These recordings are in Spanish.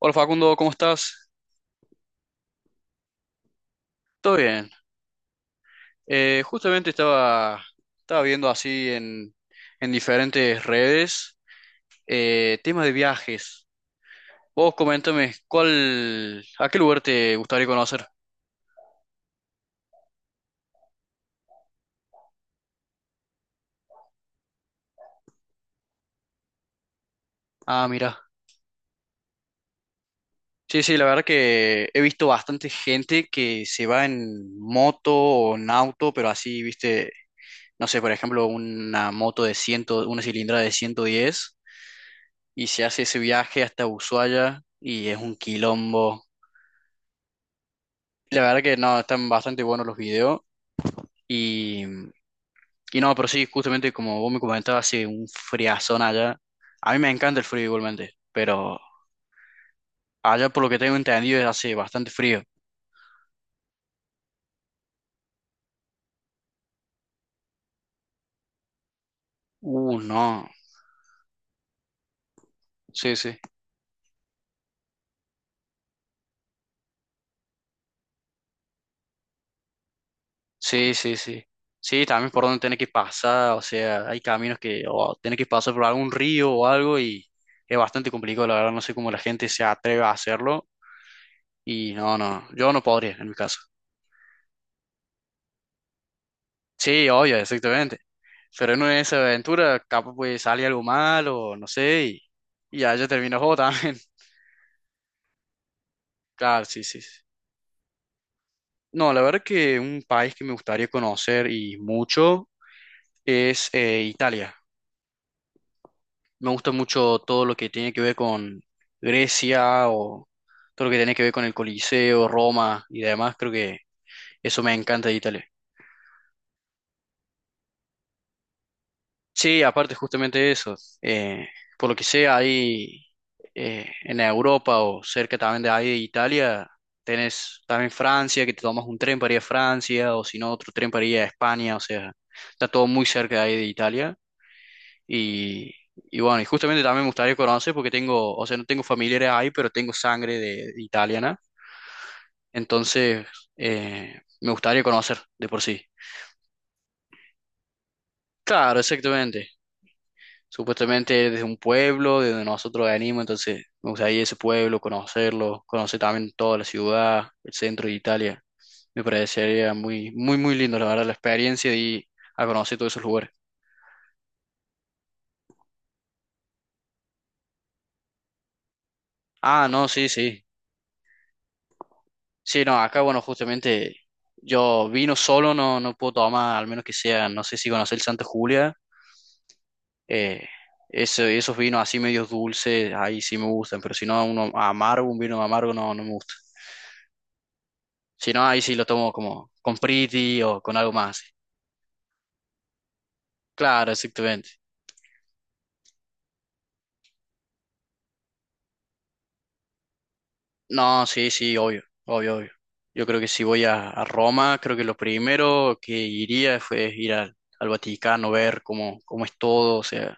Hola Facundo, ¿cómo estás? Todo bien. Justamente estaba viendo así en diferentes redes temas de viajes. Vos coméntame, ¿ a qué lugar te gustaría conocer? Ah, mira. Sí, sí, la verdad que he visto bastante gente que se va en moto o en auto, pero así, viste, no sé, por ejemplo, una moto de 100, una cilindrada de 110 y se hace ese viaje hasta Ushuaia y es un quilombo. La verdad que no, están bastante buenos los videos. Y, y no, pero sí, justamente como vos me comentabas, hace un friazón allá. A mí me encanta el frío igualmente, pero allá por lo que tengo entendido es hace bastante frío. No. Sí, sí. Sí, sí, sí. Sí, también por donde tenés que pasar, o sea, hay caminos que o tenés que pasar por algún río o algo y es bastante complicado, la verdad, no sé cómo la gente se atreve a hacerlo. Y no, no, yo no podría en mi caso. Sí, obvio, exactamente. Pero en una de esas aventuras, capaz pues sale algo mal o no sé, y ya yo termino el juego también. Claro, sí, sí. Sí. No, la verdad que un país que me gustaría conocer y mucho es Italia. Me gusta mucho todo lo que tiene que ver con Grecia o todo lo que tiene que ver con el Coliseo, Roma y demás. Creo que eso me encanta de Italia. Sí, aparte justamente eso, eh, por lo que sea ahí en Europa o cerca también de ahí de Italia, tenés también Francia, que te tomas un tren para ir a Francia o si no otro tren para ir a España, o sea, está todo muy cerca de ahí de Italia y, y bueno, y justamente también me gustaría conocer porque tengo, o sea, no tengo familiares ahí, pero tengo sangre de italiana, entonces me gustaría conocer de por sí. Claro, exactamente. Supuestamente desde un pueblo, de donde nosotros venimos, entonces me gustaría ir a ese pueblo, conocerlo, conocer también toda la ciudad, el centro de Italia. Me parecería muy, muy, muy lindo, la verdad, la experiencia de ir a conocer todos esos lugares. Ah, no, sí, sí. Sí, no, acá, bueno, justamente yo vino solo, no, no puedo tomar, al menos que sea, no sé si conoces el Santa Julia. Eh, esos vinos así medios dulces, ahí sí me gustan, pero si no, uno amargo, un vino amargo no, no me gusta. Si no, ahí sí lo tomo como con Priti o con algo más. Claro, exactamente. No, sí, sí, obvio, obvio, obvio. Yo creo que si voy a Roma, creo que lo primero que iría fue ir al Vaticano, ver cómo es todo, o sea,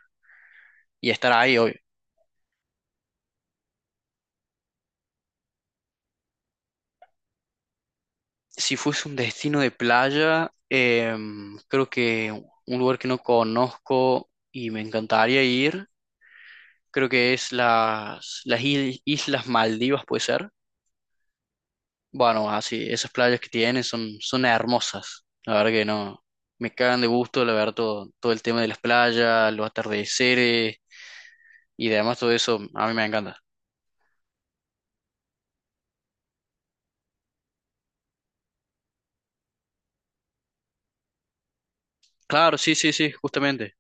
y estar ahí hoy. Si fuese un destino de playa, creo que un lugar que no conozco y me encantaría ir, creo que es las, Islas Maldivas, puede ser. Bueno, así, esas playas que tienen son hermosas. La verdad que no, me cagan de gusto, la verdad, todo el tema de las playas, los atardeceres y demás, todo eso, a mí me encanta. Claro, sí, sí, sí, justamente.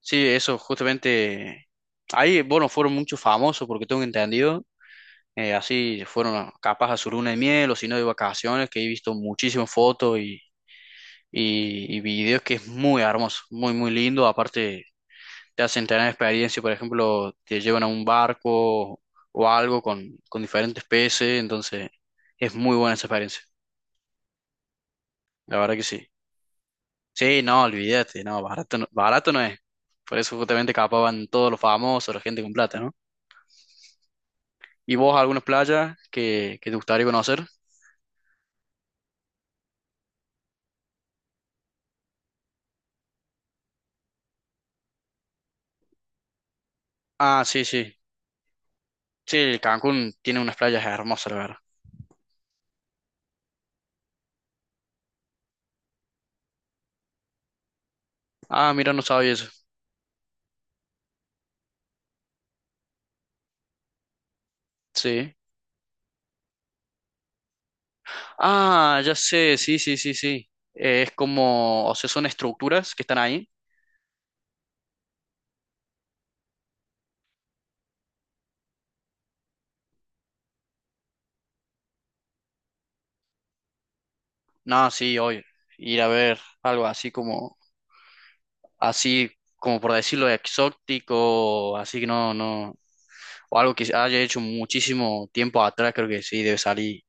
Sí, eso, justamente. Ahí, bueno, fueron muchos famosos, porque tengo entendido, así fueron capaz a su luna de miel o si no de vacaciones, que he visto muchísimas fotos y videos que es muy hermoso, muy, muy lindo. Aparte, te hacen tener experiencia, por ejemplo, te llevan a un barco o algo con diferentes peces, entonces es muy buena esa experiencia, la verdad que sí. Sí, no, olvídate, no, barato no, barato no es. Por eso justamente capaz van todos los famosos, la gente con plata, ¿no? ¿Y vos algunas playas que te gustaría conocer? Ah, sí, sí. Sí, Cancún tiene unas playas hermosas, la verdad. Ah, mira, no sabía eso. Sí. Ah, ya sé, sí, sí, sí, sí. Es como, o sea, son estructuras que están ahí. No, sí, hoy ir a ver algo así como por decirlo, exótico, así que no, no, o algo que se haya hecho muchísimo tiempo atrás, creo que sí, debe salir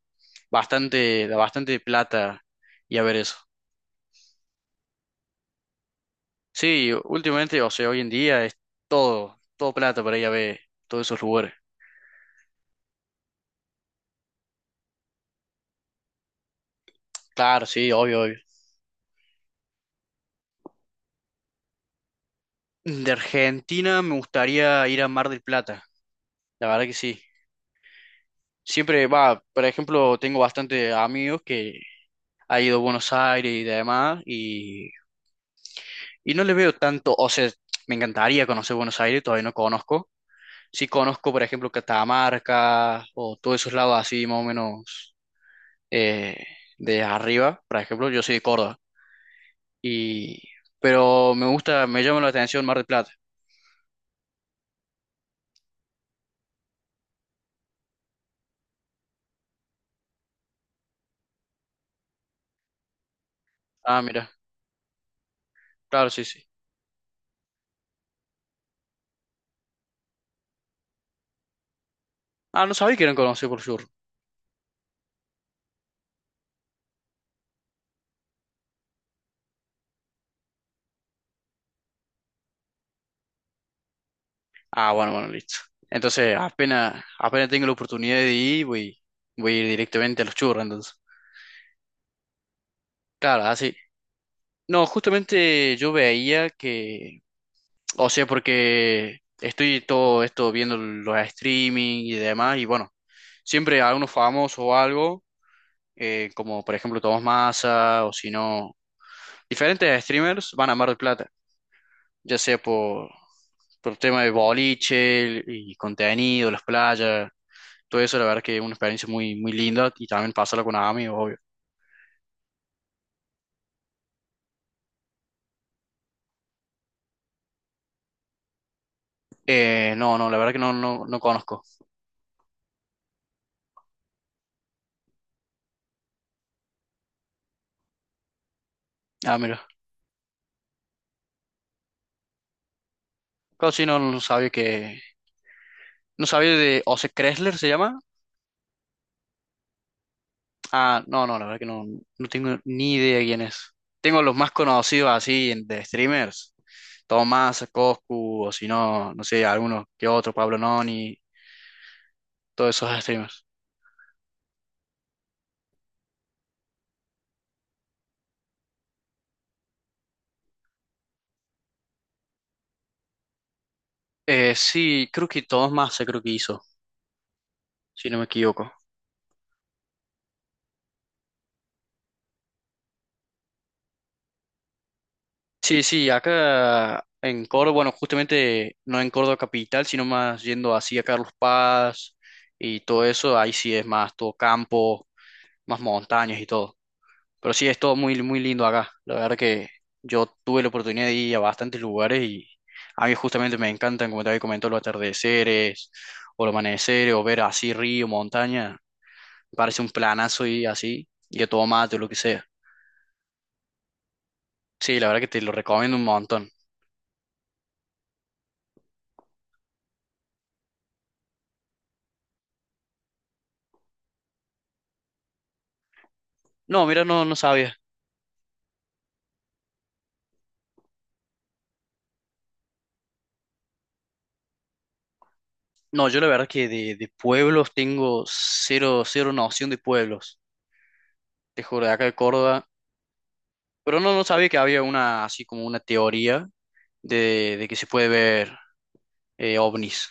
bastante, bastante plata y a ver eso. Sí, últimamente, o sea, hoy en día es todo plata para ir a ver todos esos lugares. Claro, sí, obvio, obvio. De Argentina me gustaría ir a Mar del Plata, la verdad que sí. Siempre va, por ejemplo, tengo bastante amigos que han ido a Buenos Aires y demás, y no les veo tanto, o sea, me encantaría conocer Buenos Aires, todavía no conozco. Sí conozco, por ejemplo, Catamarca o todos esos lados así, más o menos eh, de arriba, por ejemplo, yo soy de Córdoba, y, pero me gusta, me llama la atención Mar del Plata. Ah, mira, claro, sí, sí. Ah, no sabía que eran conocidos por sur. Ah, bueno, bueno, listo. Entonces, apenas tengo la oportunidad de ir, voy a ir directamente a los churros, entonces. Claro, así. No, justamente yo veía que, o sea, porque estoy todo esto viendo los streaming y demás, y bueno, siempre algunos famosos o algo, como por ejemplo Tomás Massa, o si no, diferentes streamers van a Mar del Plata. Ya sea por tema de boliche y contenido, las playas, todo eso, la verdad que es una experiencia muy, muy linda y también pasarla con amigos, obvio. No, no, la verdad que no, no, no conozco. Ah, mira, casi no sabía que, no sabía de Ose Kressler, ¿se llama? Ah, no, no, la verdad que no, no tengo ni idea de quién es. Tengo los más conocidos así de streamers, Tomás, Coscu, o si no, no sé, algunos que otro, Pablo Noni, todos esos streamers. Sí, creo que todos más creo que hizo, si no me equivoco. Sí, sí, acá en Córdoba, bueno, justamente no en Córdoba capital, sino más yendo así a Carlos Paz y todo eso, ahí sí es más todo campo, más montañas y todo. Pero sí es todo muy, muy lindo acá. La verdad que yo tuve la oportunidad de ir a bastantes lugares y a mí justamente me encantan, como te había comentado, los atardeceres o los amaneceres o ver así río, montaña. Me parece un planazo y así, y a todo mate o lo que sea. Sí, la verdad que te lo recomiendo un montón. No, mira, no, no sabía. No, yo la verdad que de pueblos tengo cero, cero noción de pueblos. Te juro, de acá de Córdoba. Pero no, no sabía que había una, así como una teoría de que se puede ver ovnis.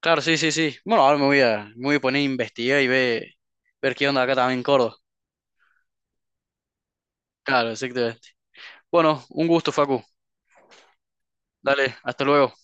Claro, sí, sí, sí. Bueno, ahora me voy a poner a investigar y ve ver qué onda acá también en Córdoba. Claro, exactamente. Bueno, un gusto, Facu. Dale, hasta luego.